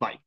Vai.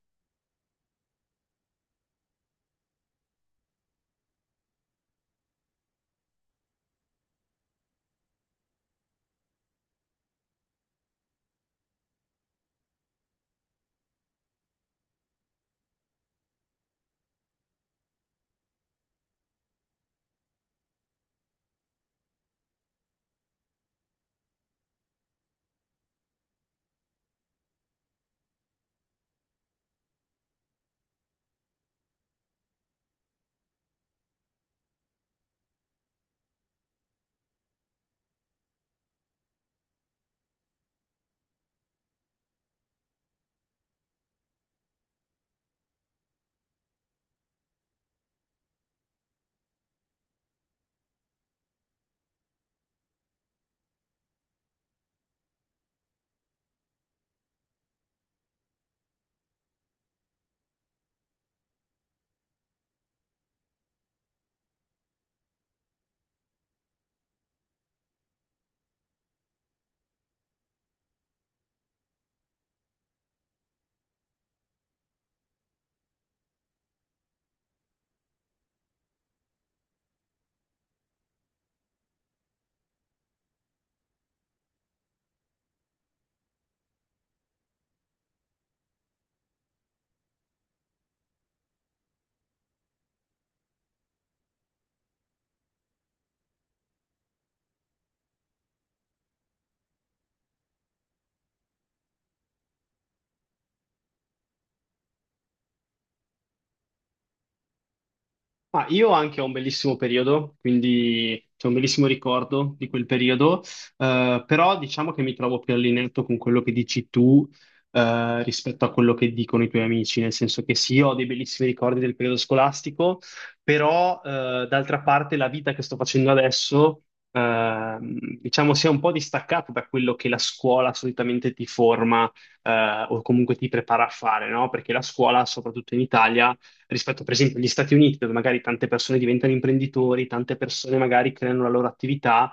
Ah, io anche ho un bellissimo periodo, quindi c'è un bellissimo ricordo di quel periodo, però diciamo che mi trovo più allineato con quello che dici tu, rispetto a quello che dicono i tuoi amici, nel senso che sì, ho dei bellissimi ricordi del periodo scolastico, però, d'altra parte la vita che sto facendo adesso, diciamo, si è un po' distaccata da quello che la scuola solitamente ti forma o comunque ti prepara a fare, no? Perché la scuola, soprattutto in Italia, rispetto per esempio agli Stati Uniti, dove magari tante persone diventano imprenditori, tante persone magari creano la loro attività.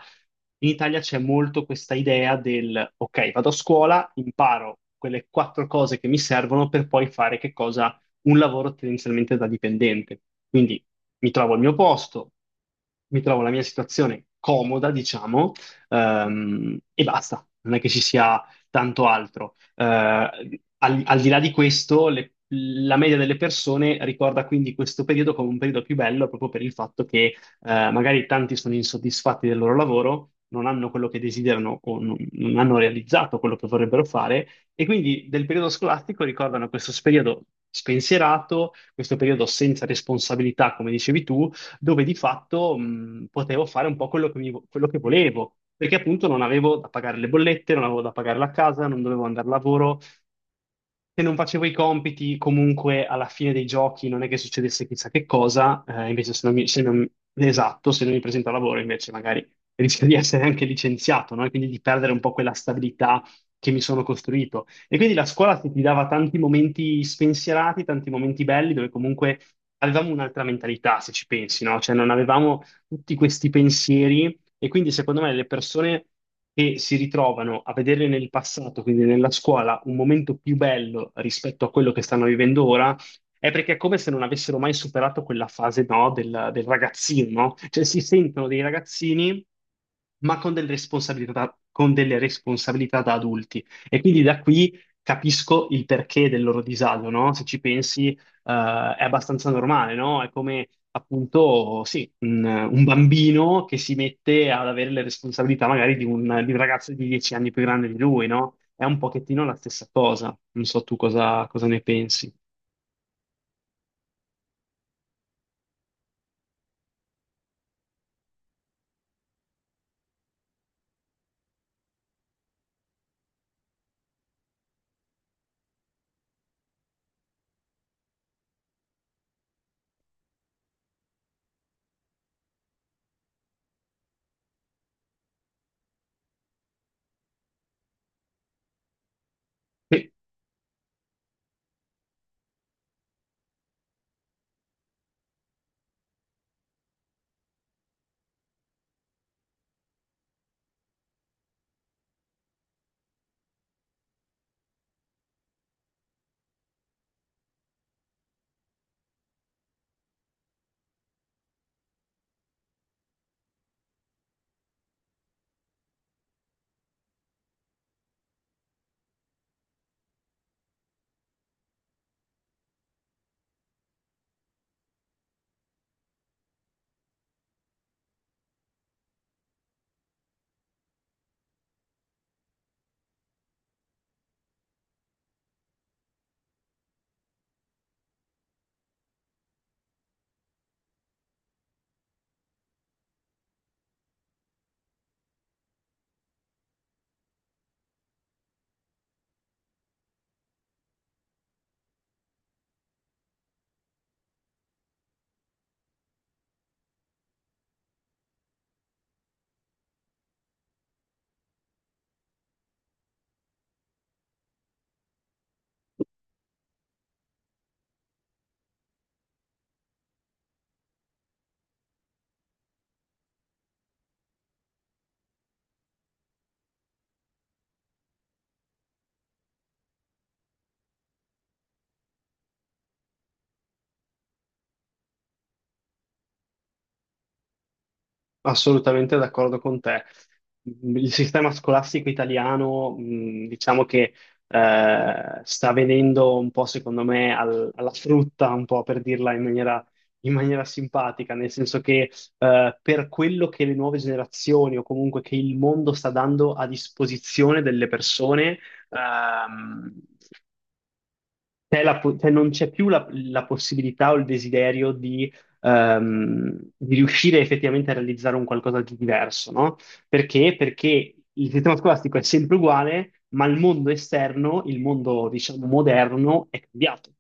In Italia c'è molto questa idea del, ok, vado a scuola, imparo quelle quattro cose che mi servono per poi fare che cosa? Un lavoro tendenzialmente da dipendente. Quindi mi trovo al mio posto, mi trovo la mia situazione comoda, diciamo, e basta, non è che ci sia tanto altro. Eh, al di là di questo, la media delle persone ricorda quindi questo periodo come un periodo più bello proprio per il fatto che magari tanti sono insoddisfatti del loro lavoro, non hanno quello che desiderano o non hanno realizzato quello che vorrebbero fare e quindi del periodo scolastico ricordano questo periodo spensierato, questo periodo senza responsabilità, come dicevi tu, dove di fatto potevo fare un po' quello che, quello che volevo, perché appunto non avevo da pagare le bollette, non avevo da pagare la casa, non dovevo andare al lavoro. Se non facevo i compiti, comunque alla fine dei giochi non è che succedesse chissà che cosa, invece se non mi, se non- esatto, se non mi presento al lavoro invece magari rischio di essere anche licenziato, no? E quindi di perdere un po' quella stabilità che mi sono costruito. E quindi la scuola ti dava tanti momenti spensierati, tanti momenti belli, dove comunque avevamo un'altra mentalità, se ci pensi, no? Cioè non avevamo tutti questi pensieri e quindi secondo me le persone che si ritrovano a vedere nel passato, quindi nella scuola, un momento più bello rispetto a quello che stanno vivendo ora, è perché è come se non avessero mai superato quella fase, no, del ragazzino, no? Cioè si sentono dei ragazzini, ma con delle responsabilità da adulti. E quindi da qui capisco il perché del loro disagio, no? Se ci pensi, è abbastanza normale, no? È come appunto, sì, un bambino che si mette ad avere le responsabilità magari di un ragazzo di 10 anni più grande di lui, no? È un pochettino la stessa cosa. Non so tu cosa, cosa ne pensi. Sì. Assolutamente d'accordo con te. Il sistema scolastico italiano, diciamo che sta venendo un po', secondo me, alla frutta, un po' per dirla in maniera simpatica, nel senso che per quello che le nuove generazioni o comunque che il mondo sta dando a disposizione delle persone, ehm, c'è cioè non c'è più la possibilità o il desiderio di riuscire effettivamente a realizzare un qualcosa di diverso, no? Perché? Perché il sistema scolastico è sempre uguale, ma il mondo esterno, il mondo, diciamo, moderno è cambiato.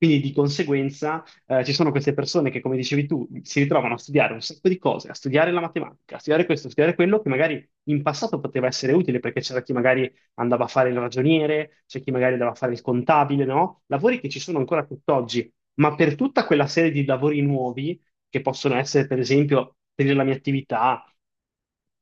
Quindi di conseguenza ci sono queste persone che, come dicevi tu, si ritrovano a studiare un sacco di cose, a studiare la matematica, a studiare questo, a studiare quello, che magari in passato poteva essere utile perché c'era chi magari andava a fare il ragioniere, c'è chi magari andava a fare il contabile, no? Lavori che ci sono ancora tutt'oggi, ma per tutta quella serie di lavori nuovi, che possono essere, per esempio, tenere la mia attività,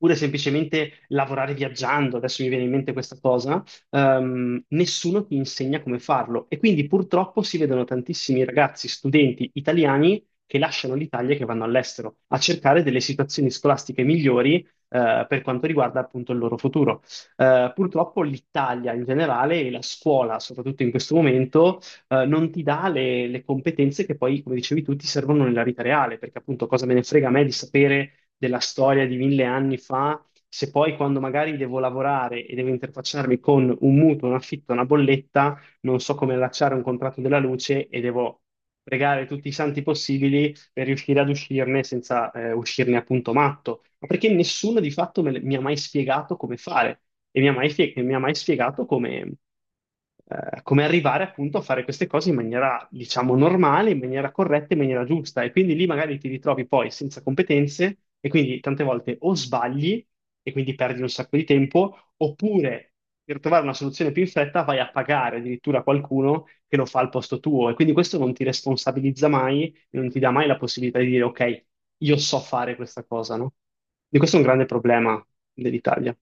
oppure semplicemente lavorare viaggiando, adesso mi viene in mente questa cosa, nessuno ti insegna come farlo. E quindi purtroppo si vedono tantissimi ragazzi, studenti italiani che lasciano l'Italia e che vanno all'estero a cercare delle situazioni scolastiche migliori, per quanto riguarda appunto il loro futuro. Purtroppo l'Italia in generale e la scuola, soprattutto in questo momento, non ti dà le competenze che poi, come dicevi tu, ti servono nella vita reale, perché appunto cosa me ne frega a me di sapere della storia di 1000 anni fa, se poi quando magari devo lavorare e devo interfacciarmi con un mutuo, un affitto, una bolletta, non so come allacciare un contratto della luce e devo pregare tutti i santi possibili per riuscire ad uscirne senza uscirne appunto matto, ma perché nessuno di fatto mi ha mai spiegato come fare e mi ha mai, e mi ha mai spiegato come, come arrivare appunto a fare queste cose in maniera, diciamo, normale, in maniera corretta, in maniera giusta. E quindi lì magari ti ritrovi poi senza competenze e quindi tante volte o sbagli e quindi perdi un sacco di tempo, oppure per trovare una soluzione più in fretta vai a pagare addirittura qualcuno che lo fa al posto tuo e quindi questo non ti responsabilizza mai non ti dà mai la possibilità di dire, ok, io so fare questa cosa, no? E questo è un grande problema dell'Italia.